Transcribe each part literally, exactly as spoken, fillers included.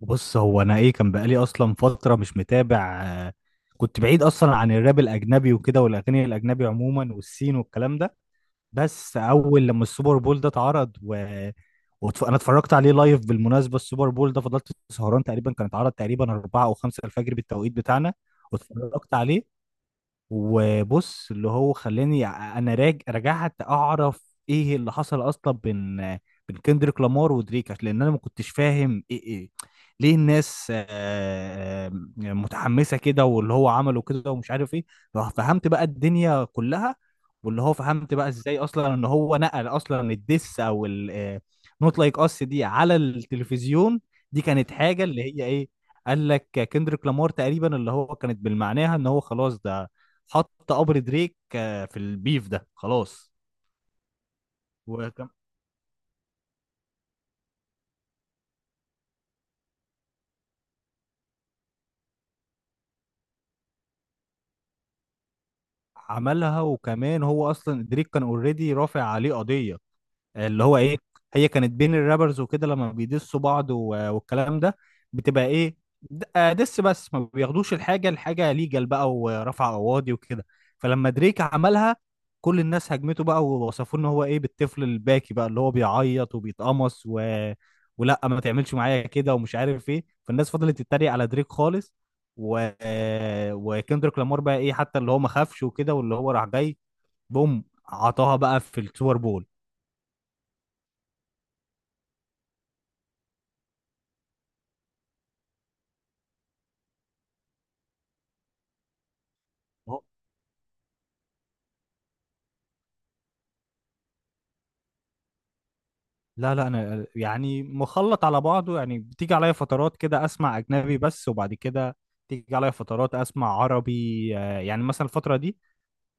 بص هو انا ايه كان بقالي اصلا فتره مش متابع. آه، كنت بعيد اصلا عن الراب الاجنبي وكده والاغاني الاجنبي عموما والسين والكلام ده. بس اول لما السوبر بول ده اتعرض و... واتف... انا اتفرجت عليه لايف بالمناسبه، السوبر بول ده فضلت سهران تقريبا، كان اتعرض تقريبا أربعة او خمسة الفجر بالتوقيت بتاعنا واتفرجت عليه. وبص اللي هو خلاني ع- انا راج... رجعت اعرف ايه اللي حصل اصلا بين بين كندريك لامار ودريك عشان- لان انا ما كنتش فاهم ايه ايه ليه الناس آه، آه، متحمسه كده واللي هو عمله كده ومش عارف ايه. ففهمت بقى الدنيا كلها واللي هو فهمت بقى ازاي اصلا ان هو نقل اصلا الدس او نوت لايك اس دي على التلفزيون. دي كانت حاجه اللي هي ايه، قال لك كندريك لامار تقريبا اللي هو كانت بالمعناها ان هو خلاص ده حط قبر دريك آه، في البيف ده خلاص. وكم عملها، وكمان هو اصلا دريك كان اوريدي رافع عليه قضيه اللي هو ايه. هي كانت بين الرابرز وكده لما بيدسوا بعض و- والكلام ده، بتبقى ايه، د- آه، دس بس ما بياخدوش الحاجه الحاجه ليجال بقى ورفع قواضي وكده. فلما دريك عملها كل الناس هجمته بقى ووصفوه ان هو ايه، بالطفل الباكي بقى اللي هو بيعيط وبيتقمص و... ولا ما تعملش معايا كده ومش عارف ايه، فالناس فضلت تتريق على دريك خالص. و... آه، وكندريك لامار بقى ايه، حتى اللي هو ما خافش وكده واللي هو راح جاي بوم عطاها بقى في السوبر بول. لا لا انا يعني مخلط على بعضه، يعني بتيجي عليا فترات كده اسمع اجنبي بس، وبعد كده تيجي عليا فترات اسمع عربي. آه، يعني مثلا الفترة دي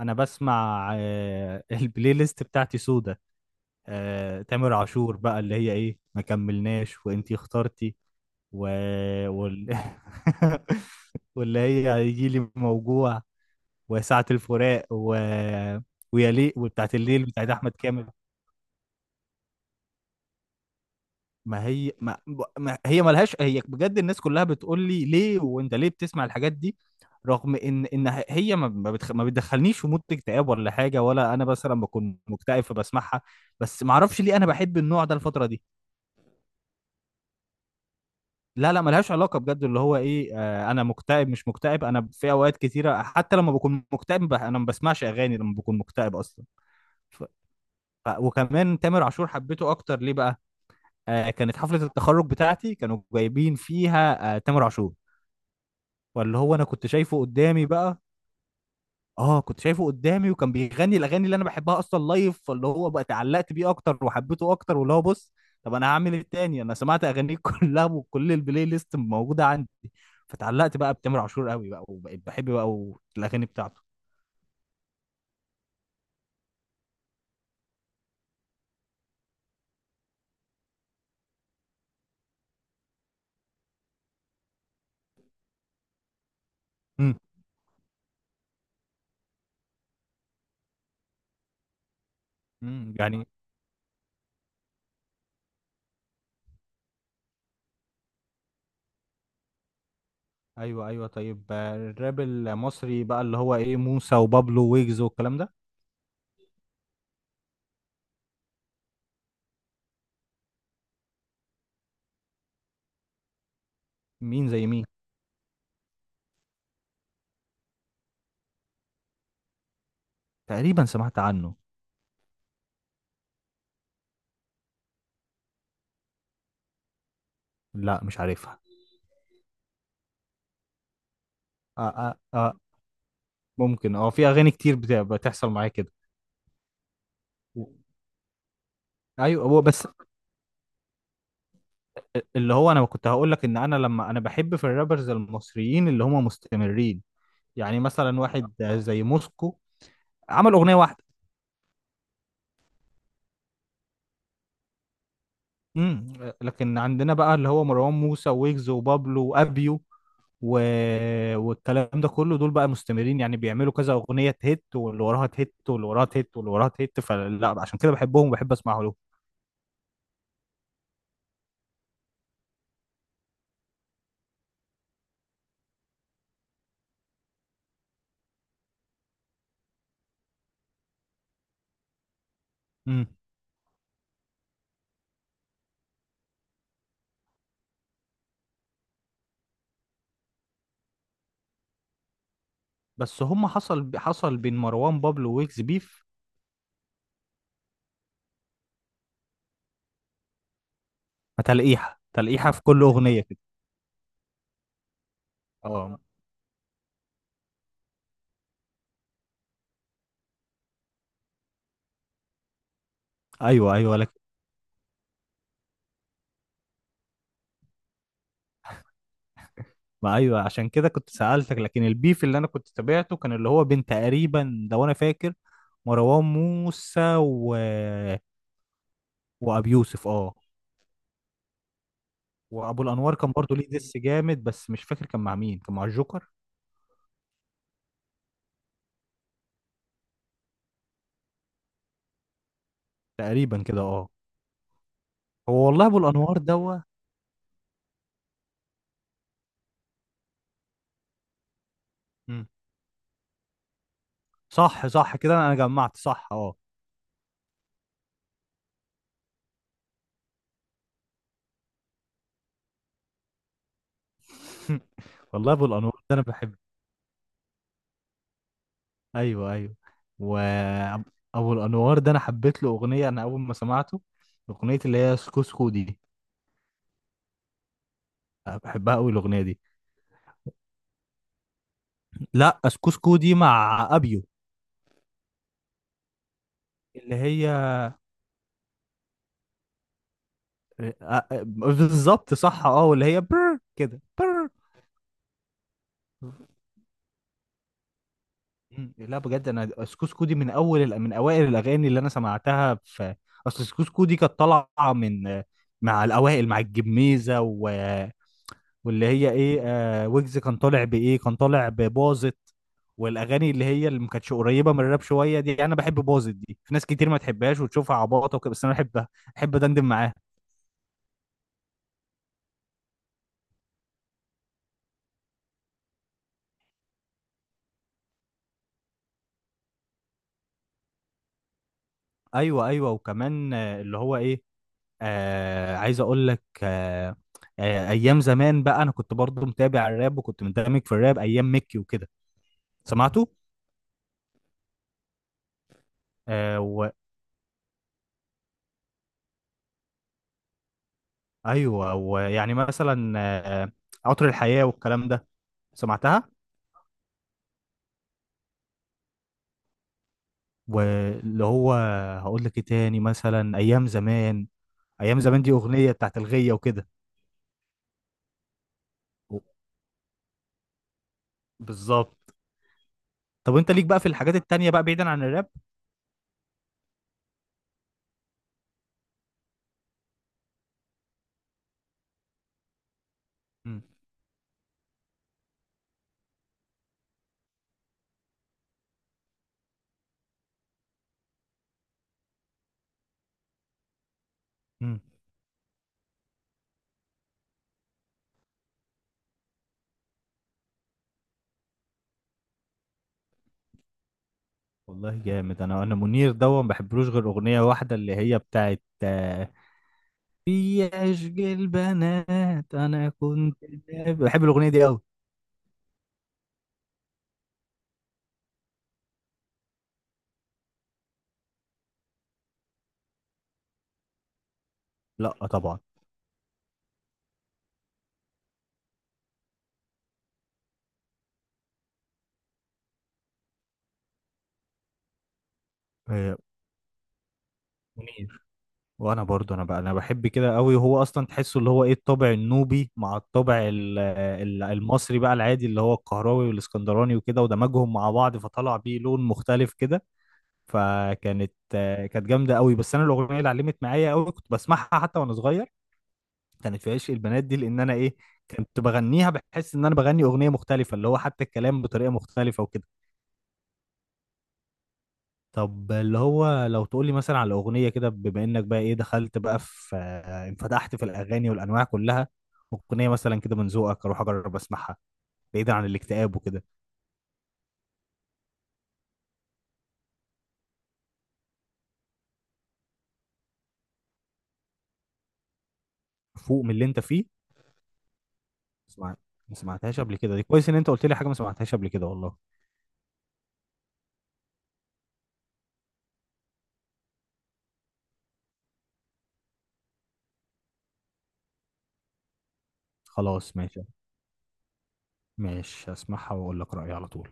انا بسمع آه، البلاي ليست بتاعتي سودة. آه، تامر عاشور بقى اللي هي ايه، ما كملناش وانتي اخترتي و... وال... واللي هي هيجيلي موجوع وساعة الفراق و... ويليق وبتاعت الليل بتاعت احمد كامل. ما هي ما, ما هي ملهاش، هي بجد الناس كلها بتقول لي ليه وانت ليه بتسمع الحاجات دي، رغم ان ان هي ما ما بتخ... ما بتدخلنيش في مود اكتئاب ولا حاجه، ولا انا مثلا بكون مكتئب فبسمعها، بس ما اعرفش ليه انا بحب النوع ده الفتره دي. لا لا ملهاش علاقه بجد، اللي هو ايه آه، انا مكتئب مش مكتئب، انا في اوقات كتيره حتى لما بكون مكتئب ب... انا ما بسمعش اغاني لما بكون مكتئب اصلا. ف... ف... وكمان تامر عاشور حبيته اكتر ليه بقى؟ آه كانت حفله التخرج بتاعتي كانوا جايبين فيها آه تامر عاشور، فاللي هو انا كنت شايفه قدامي بقى. اه كنت شايفه قدامي وكان بيغني الاغاني اللي انا بحبها اصلا لايف، فاللي هو بقى اتعلقت بيه اكتر وحبيته اكتر. واللي هو بص، طب انا هعمل ايه تاني؟ انا سمعت اغانيه كلها وكل البلاي ليست موجوده عندي، فتعلقت بقى بتامر عاشور قوي بقى وبقيت بحب بقى و- الاغاني بتاعته. امم. امم، يعني. ايوه ايوه طيب. آه، الراب المصري بقى اللي هو ايه، موسى وبابلو ويجز والكلام ده، مين زي مين؟ تقريبا سمعت عنه. لا مش عارفها. آه آه آه، ممكن اه، في اغاني كتير بت- بتحصل معايا كده. و- ايوه هو بس، اللي هو انا كنت هقول لك ان انا لما انا بحب في الرابرز المصريين اللي هم مستمرين، يعني مثلا واحد زي موسكو عمل اغنيه واحده. امم. لكن عندنا بقى اللي هو مروان موسى ويجز وبابلو وابيو و... والكلام ده كله، دول بقى مستمرين يعني بيعملوا كذا اغنيه تهت واللي وراها تهت واللي وراها تهت واللي وراها تهت، فلا عشان كده بحبهم وبحب اسمعه لهم. امم. بس هم حصل، حصل بين مروان بابلو ويجز بيف، تلقيحة تلقيحة في كل أغنية كده. اه أيوه أيوه لك. ما أيوه، عشان كده كنت سألتك. لكن البيف اللي أنا كنت تابعته كان اللي هو بين تقريبا لو أنا فاكر مروان موسى و... وأبي يوسف اه، وأبو الأنوار كان برضو ليه ديس جامد، بس مش فاكر كان مع مين، كان مع الجوكر تقريبا كده اه. هو والله أبو الأنوار دوا. مم. صح صح كده، أنا جمعت صح اه. والله أبو الأنوار ده أنا بحب، ايوه ايوه، وابو الانوار ده انا حبيت له اغنيه، انا اول ما سمعته اغنيه اللي هي سكوسكو دي، بحبها قوي الاغنيه دي. لا سكوسكو دي مع ابيو، اللي هي آه، آه، بالظبط صح اه، واللي هي بر كده بر. مم. لا بجد انا سكوسكو دي من اول الأ- من اوائل الاغاني اللي انا سمعتها في، اصل سكوسكو دي كانت طالعه من مع الاوائل مع الجميزه و... واللي هي ايه آه، ويجز كان طالع بايه، كان طالع بباظت. والاغاني اللي هي اللي ما كانتش قريبه من الراب شويه دي انا بحب باظت دي، في ناس كتير ما تحبهاش وتشوفها عباطه وكده، بس انا بحبها، بحب دندن معاها. ايوه ايوه وكمان آه، اللي هو ايه آه، عايز اقول لك آه، آه ايام زمان بقى انا كنت برضو متابع الراب وكنت مندمج في الراب ايام ميكي وكده، سمعته. آه و... ايوه، ويعني مثلا آه آه، عطر الحياه والكلام ده، سمعتها. واللي هو هقول لك ايه تاني، مثلا ايام زمان، ايام زمان دي اغنيه بتاعت الغيه وكده و- بالظبط. طب انت ليك بقى في الحاجات التانية بقى بعيدا عن الراب؟ مم. مم. والله جامد، انا انا منير دوا ما بحبلوش غير اغنيه واحده اللي هي بتاعت آه، في عشق البنات، انا كنت بحب الاغنيه دي قوي. لا طبعا. آه، منير، وانا برضو انا بقى انا بحب كده قوي، وهو اصلا تحسه اللي هو ايه، الطابع النوبي مع الطابع ال- ال- المصري بقى العادي اللي هو القهراوي والاسكندراني وكده، ودمجهم مع بعض فطلع بيه لون مختلف كده، فكانت آه، كانت جامده قوي. بس انا الاغنيه اللي علمت معايا قوي كنت بسمعها حتى وانا صغير، كانت في عشق البنات دي، لان انا ايه كنت بغنيها بحس ان انا بغني اغنيه مختلفه، اللي هو حتى الكلام بطريقه مختلفه وكده. طب اللي هو لو تقولي مثلا على أغنية كده، بما إنك بقى إيه دخلت بقى في آه، انفتحت في الأغاني والأنواع كلها، أغنية مثلا كده من ذوقك أروح أجرب أسمعها، بعيدا عن الاكتئاب وكده. فوق من اللي أنت فيه. اسمع، ما سمعتهاش قبل كده، دي كويس إن أنت قلت لي حاجة ما سمعتهاش قبل كده والله. خلاص ماشي، ماشي هسمعها وأقول لك رأيي على طول.